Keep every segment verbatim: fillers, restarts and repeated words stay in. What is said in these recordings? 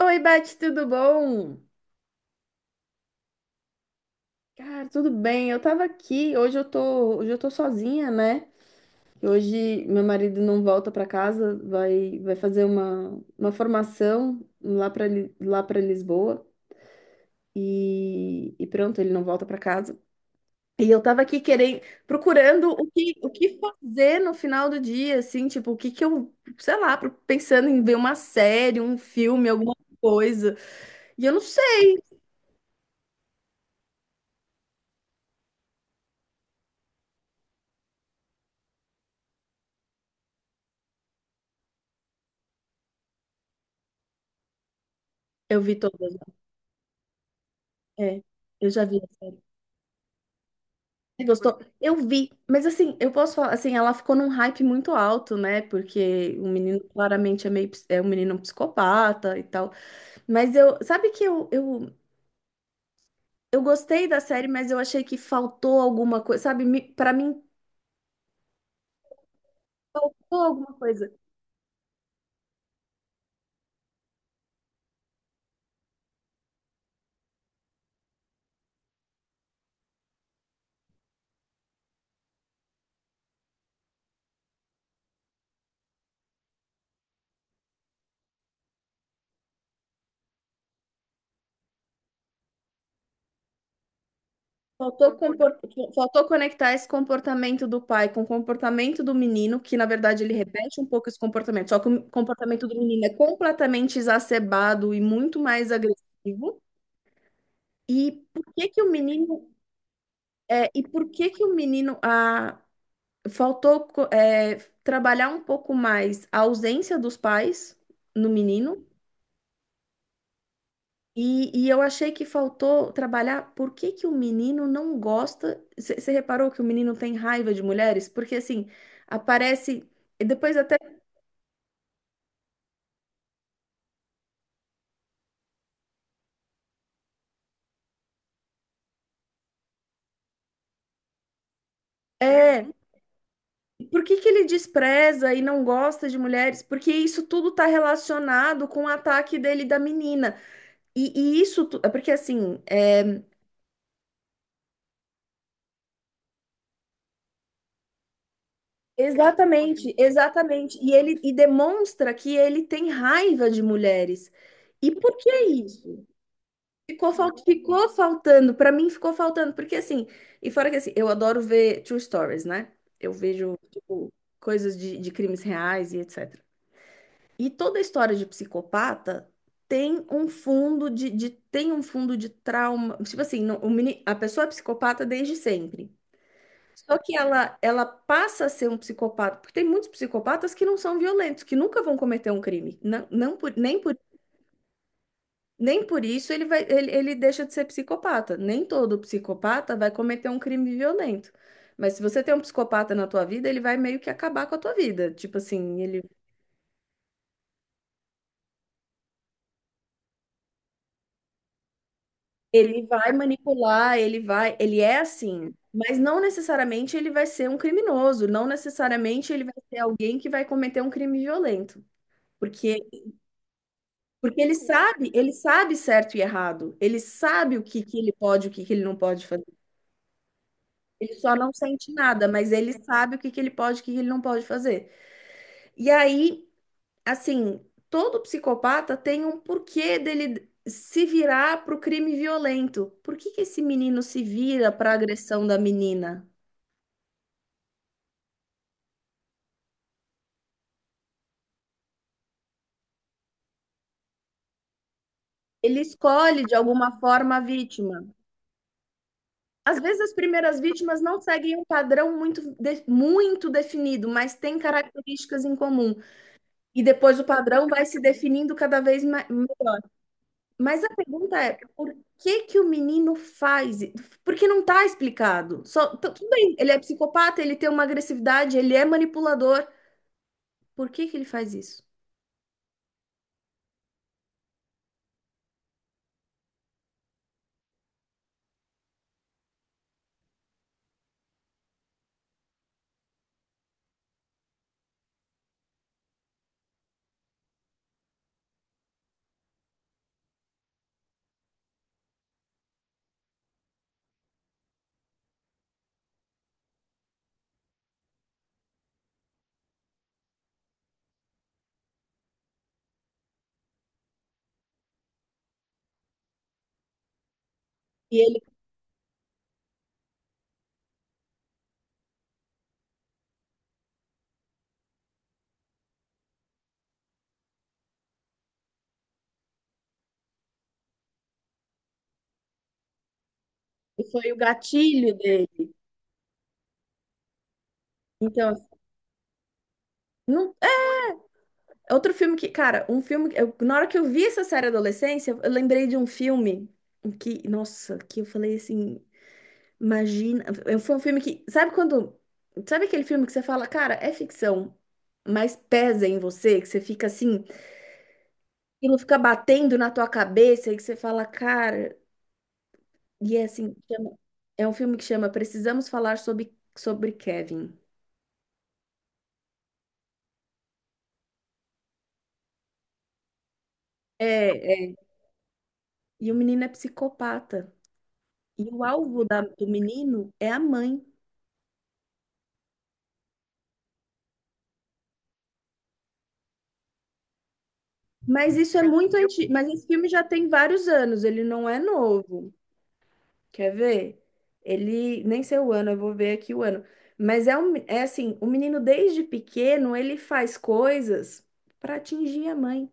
Oi, Beth, tudo bom? Cara, tudo bem. Eu tava aqui, hoje eu tô, hoje eu tô sozinha, né? E Hoje meu marido não volta pra casa, vai vai fazer uma, uma formação lá pra Li- lá para Lisboa e, e pronto, ele não volta pra casa. E eu tava aqui querendo, procurando o que, o que fazer no final do dia, assim, tipo, o que que eu, sei lá, pro- pensando em ver uma série, um filme, alguma coisa. E eu não sei. Eu vi todas, né? É, eu já vi. Você gostou? Eu vi, mas assim, eu posso falar, assim, ela ficou num hype muito alto, né? Porque o menino claramente é meio, ps- é um menino psicopata e tal. Mas eu, sabe que eu, eu, eu gostei da série, mas eu achei que faltou alguma coisa, sabe? Me- Pra mim, faltou alguma coisa. Faltou, compor- faltou conectar esse comportamento do pai com o comportamento do menino, que na verdade ele repete um pouco esse comportamento, só que o comportamento do menino é completamente exacerbado e muito mais agressivo. E por que que o menino É, e por que que o menino ah, faltou co- é, trabalhar um pouco mais a ausência dos pais no menino? E, e eu achei que faltou trabalhar por que que o menino não gosta. Você reparou que o menino tem raiva de mulheres? Porque assim, aparece. E depois até. É, por que que ele despreza e não gosta de mulheres? Porque isso tudo tá relacionado com o ataque dele da menina. E, e isso, tu- é porque assim, é, Exatamente, exatamente. E ele e demonstra que ele tem raiva de mulheres. E por que isso? Ficou, fal- ficou faltando, para mim ficou faltando, porque assim, e fora que assim, eu adoro ver true stories, né? Eu vejo, tipo, coisas de, de crimes reais e etcétera. E toda história de psicopata tem um fundo de, de- tem um fundo de trauma. Tipo assim, não- o meni- a pessoa é psicopata desde sempre. Só que ela, ela passa a ser um psicopata, porque tem muitos psicopatas que não são violentos, que nunca vão cometer um crime. Não, não por- nem por, nem por isso ele vai, ele, ele deixa de ser psicopata. Nem todo psicopata vai cometer um crime violento. Mas se você tem um psicopata na tua vida, ele vai meio que acabar com a tua vida. Tipo assim, ele, ele vai manipular, ele vai, ele é assim. Mas não necessariamente ele vai ser um criminoso, não necessariamente ele vai ser alguém que vai cometer um crime violento. porque Porque ele sabe, ele sabe certo e errado. Ele sabe o que que ele pode, o que que ele não pode fazer. Ele só não sente nada, mas ele sabe o que que ele pode, o que que ele não pode fazer. E aí, assim, todo psicopata tem um porquê dele se virar pro crime violento. Por que que esse menino se vira pra agressão da menina? Ele escolhe de alguma forma a vítima. Às vezes as primeiras vítimas não seguem um padrão muito, de- muito definido, mas têm características em comum. E depois o padrão vai se definindo cada vez mais. Mas a pergunta é, por que que o menino faz? Porque não está explicado. Só, tu- tudo bem, ele é psicopata, ele tem uma agressividade, ele é manipulador. Por que que ele faz isso? E ele foi o gatilho dele. Então, assim, não, é outro filme que, cara, um filme, que eu- na hora que eu vi essa série Adolescência, eu lembrei de um filme que, nossa, que eu falei assim, imagina, eu- foi um filme que, sabe quando, sabe aquele filme que você fala, cara, é ficção, mas pesa em você, que você fica assim, aquilo fica batendo na tua cabeça e que você fala, cara, e é assim, chama- é um filme que chama Precisamos Falar sobre, sobre Kevin. É, é, e o menino é psicopata. E o alvo da- do menino é a mãe. Mas isso é muito antigo, mas esse filme já tem vários anos, ele não é novo. Quer ver? Ele, nem sei o ano, eu vou ver aqui o ano. Mas é, um, é assim, o menino desde pequeno, ele faz coisas para atingir a mãe.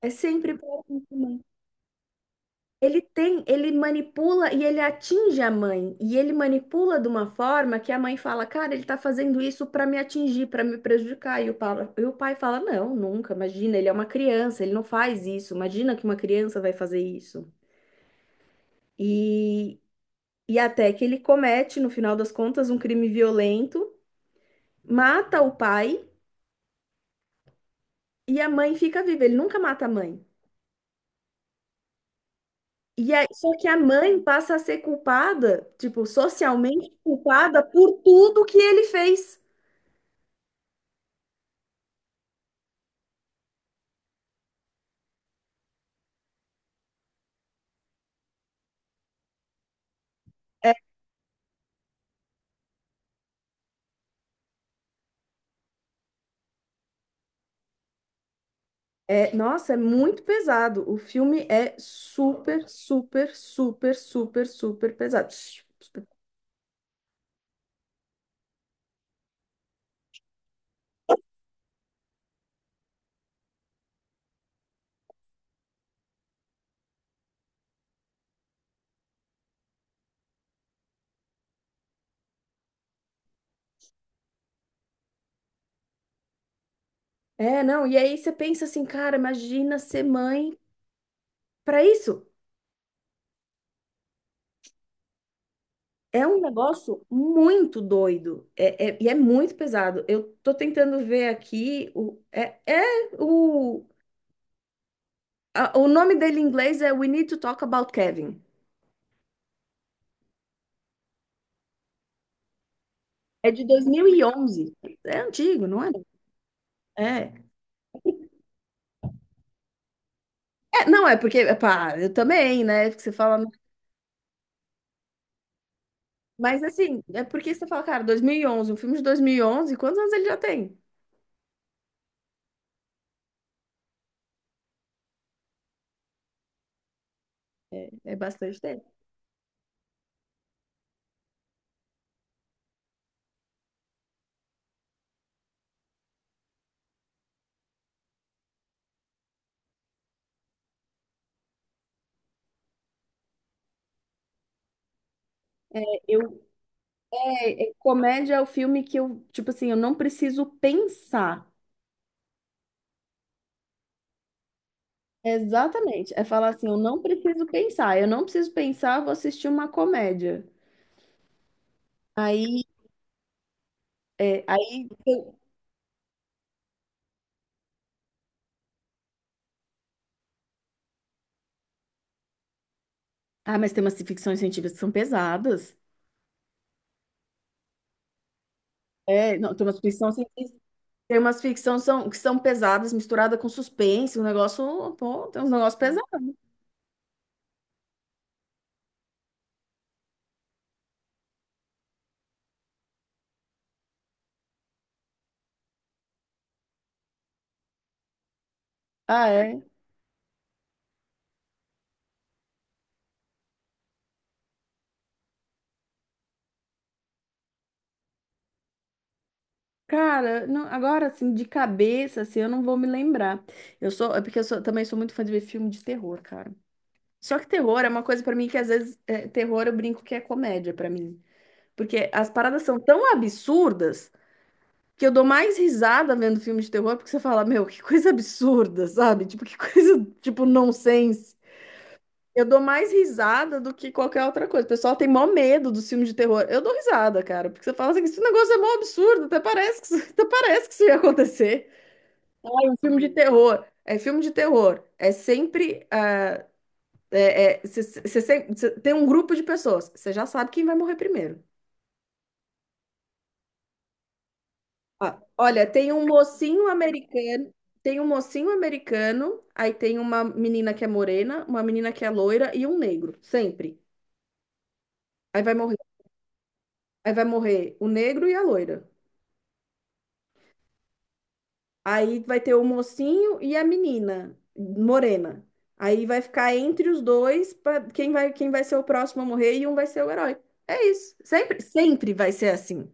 É sempre para atingir a mãe. Ele tem, ele manipula e ele atinge a mãe. E ele manipula de uma forma que a mãe fala, cara, ele tá fazendo isso para me atingir, para me prejudicar. E o pai, e o pai fala, não, nunca, imagina, ele é uma criança, ele não faz isso. Imagina que uma criança vai fazer isso. E, e até que ele comete, no final das contas, um crime violento, mata o pai e a mãe fica viva. Ele nunca mata a mãe. E aí, só que a mãe passa a ser culpada, tipo, socialmente culpada por tudo que ele fez. É, é, nossa, é muito pesado. O filme é super, super, super, super, super pesado. É, não, e aí você pensa assim, cara, imagina ser mãe para isso. É um negócio muito doido é, é- e é muito pesado. Eu tô tentando ver aqui o é, é o a- o nome dele em inglês é We Need to Talk About Kevin. É de dois mil e onze. É antigo, não é? É, É, não é porque pá, eu também, né? É porque você fala, mas assim, é porque você fala, cara, dois mil e onze, um filme de dois mil e onze, quantos anos ele já tem? É bastante tempo. Eu é, é, comédia é o filme que eu, tipo assim, eu não preciso pensar. Exatamente. É falar assim, eu não preciso pensar. Eu não preciso pensar, eu vou assistir uma comédia. Aí, é, aí eu- ah, mas tem umas ficções científicas que são pesadas. É, não, tem umas ficções científicas, tem umas ficções são, que são pesadas, misturada com suspense, um negócio, pô, tem uns negócios pesados. Ah, é. Cara, não, agora assim, de cabeça, assim, eu não vou me lembrar. Eu sou, é porque eu sou- também sou muito fã de ver filme de terror, cara. Só que terror é uma coisa pra mim que às vezes é, terror eu brinco que é comédia pra mim. Porque as paradas são tão absurdas que eu dou mais risada vendo filme de terror, porque você fala, meu, que coisa absurda, sabe? Tipo, que coisa, tipo, nonsense. Eu dou mais risada do que qualquer outra coisa. O pessoal tem mó medo dos filmes de terror. Eu dou risada, cara, porque você fala assim, esse negócio é mó absurdo, até parece que, isso- até parece que isso ia acontecer. Ai, um filme de terror. É filme de terror. É sempre. Ah, é, é, cê- cê- cê sempre- cê- tem um grupo de pessoas. Você já sabe quem vai morrer primeiro. Ó, olha, tem um mocinho americano, tem um mocinho americano, aí tem uma menina que é morena, uma menina que é loira e um negro, sempre. Aí vai morrer, aí vai morrer o negro e a loira. Aí vai ter o mocinho e a menina morena. Aí vai ficar entre os dois pra quem vai quem vai ser o próximo a morrer e um vai ser o herói. É isso. Sempre, sempre vai ser assim.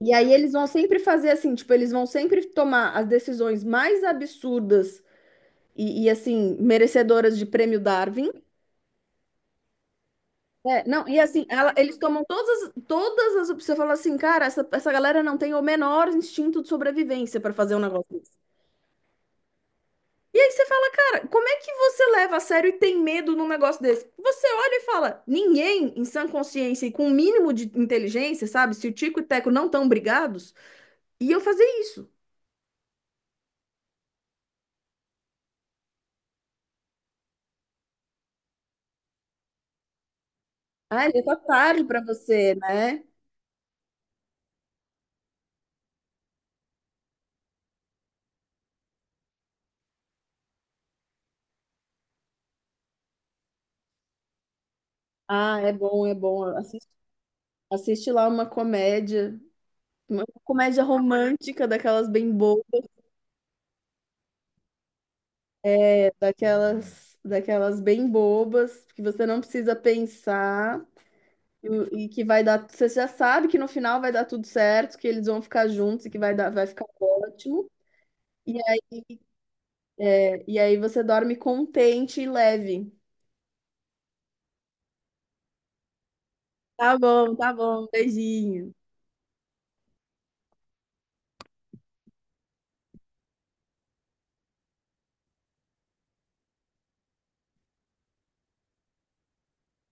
E aí eles vão sempre fazer assim, tipo, eles vão sempre tomar as decisões mais absurdas E, e, assim, merecedoras de prêmio Darwin. É, não, e assim, ela- eles tomam todas, as- todas as opções. Você fala assim, cara, essa, essa galera não tem o menor instinto de sobrevivência para fazer um negócio desse. E aí você fala, cara, como é que você leva a sério e tem medo num negócio desse? Você olha e fala, ninguém em sã consciência e com o mínimo de inteligência, sabe? Se o Tico e o Teco não estão brigados, ia fazer isso. Ah, ele tá tarde para você, né? Ah, é bom, é bom. Assiste, assiste lá uma comédia. Uma comédia romântica, daquelas bem bobas, é, daquelas, daquelas bem bobas, que você não precisa pensar e, e que vai dar. Você já sabe que no final vai dar tudo certo, que eles vão ficar juntos e que vai dar, vai ficar ótimo. E, é, e aí você dorme contente e leve. Tá bom, tá bom, beijinho.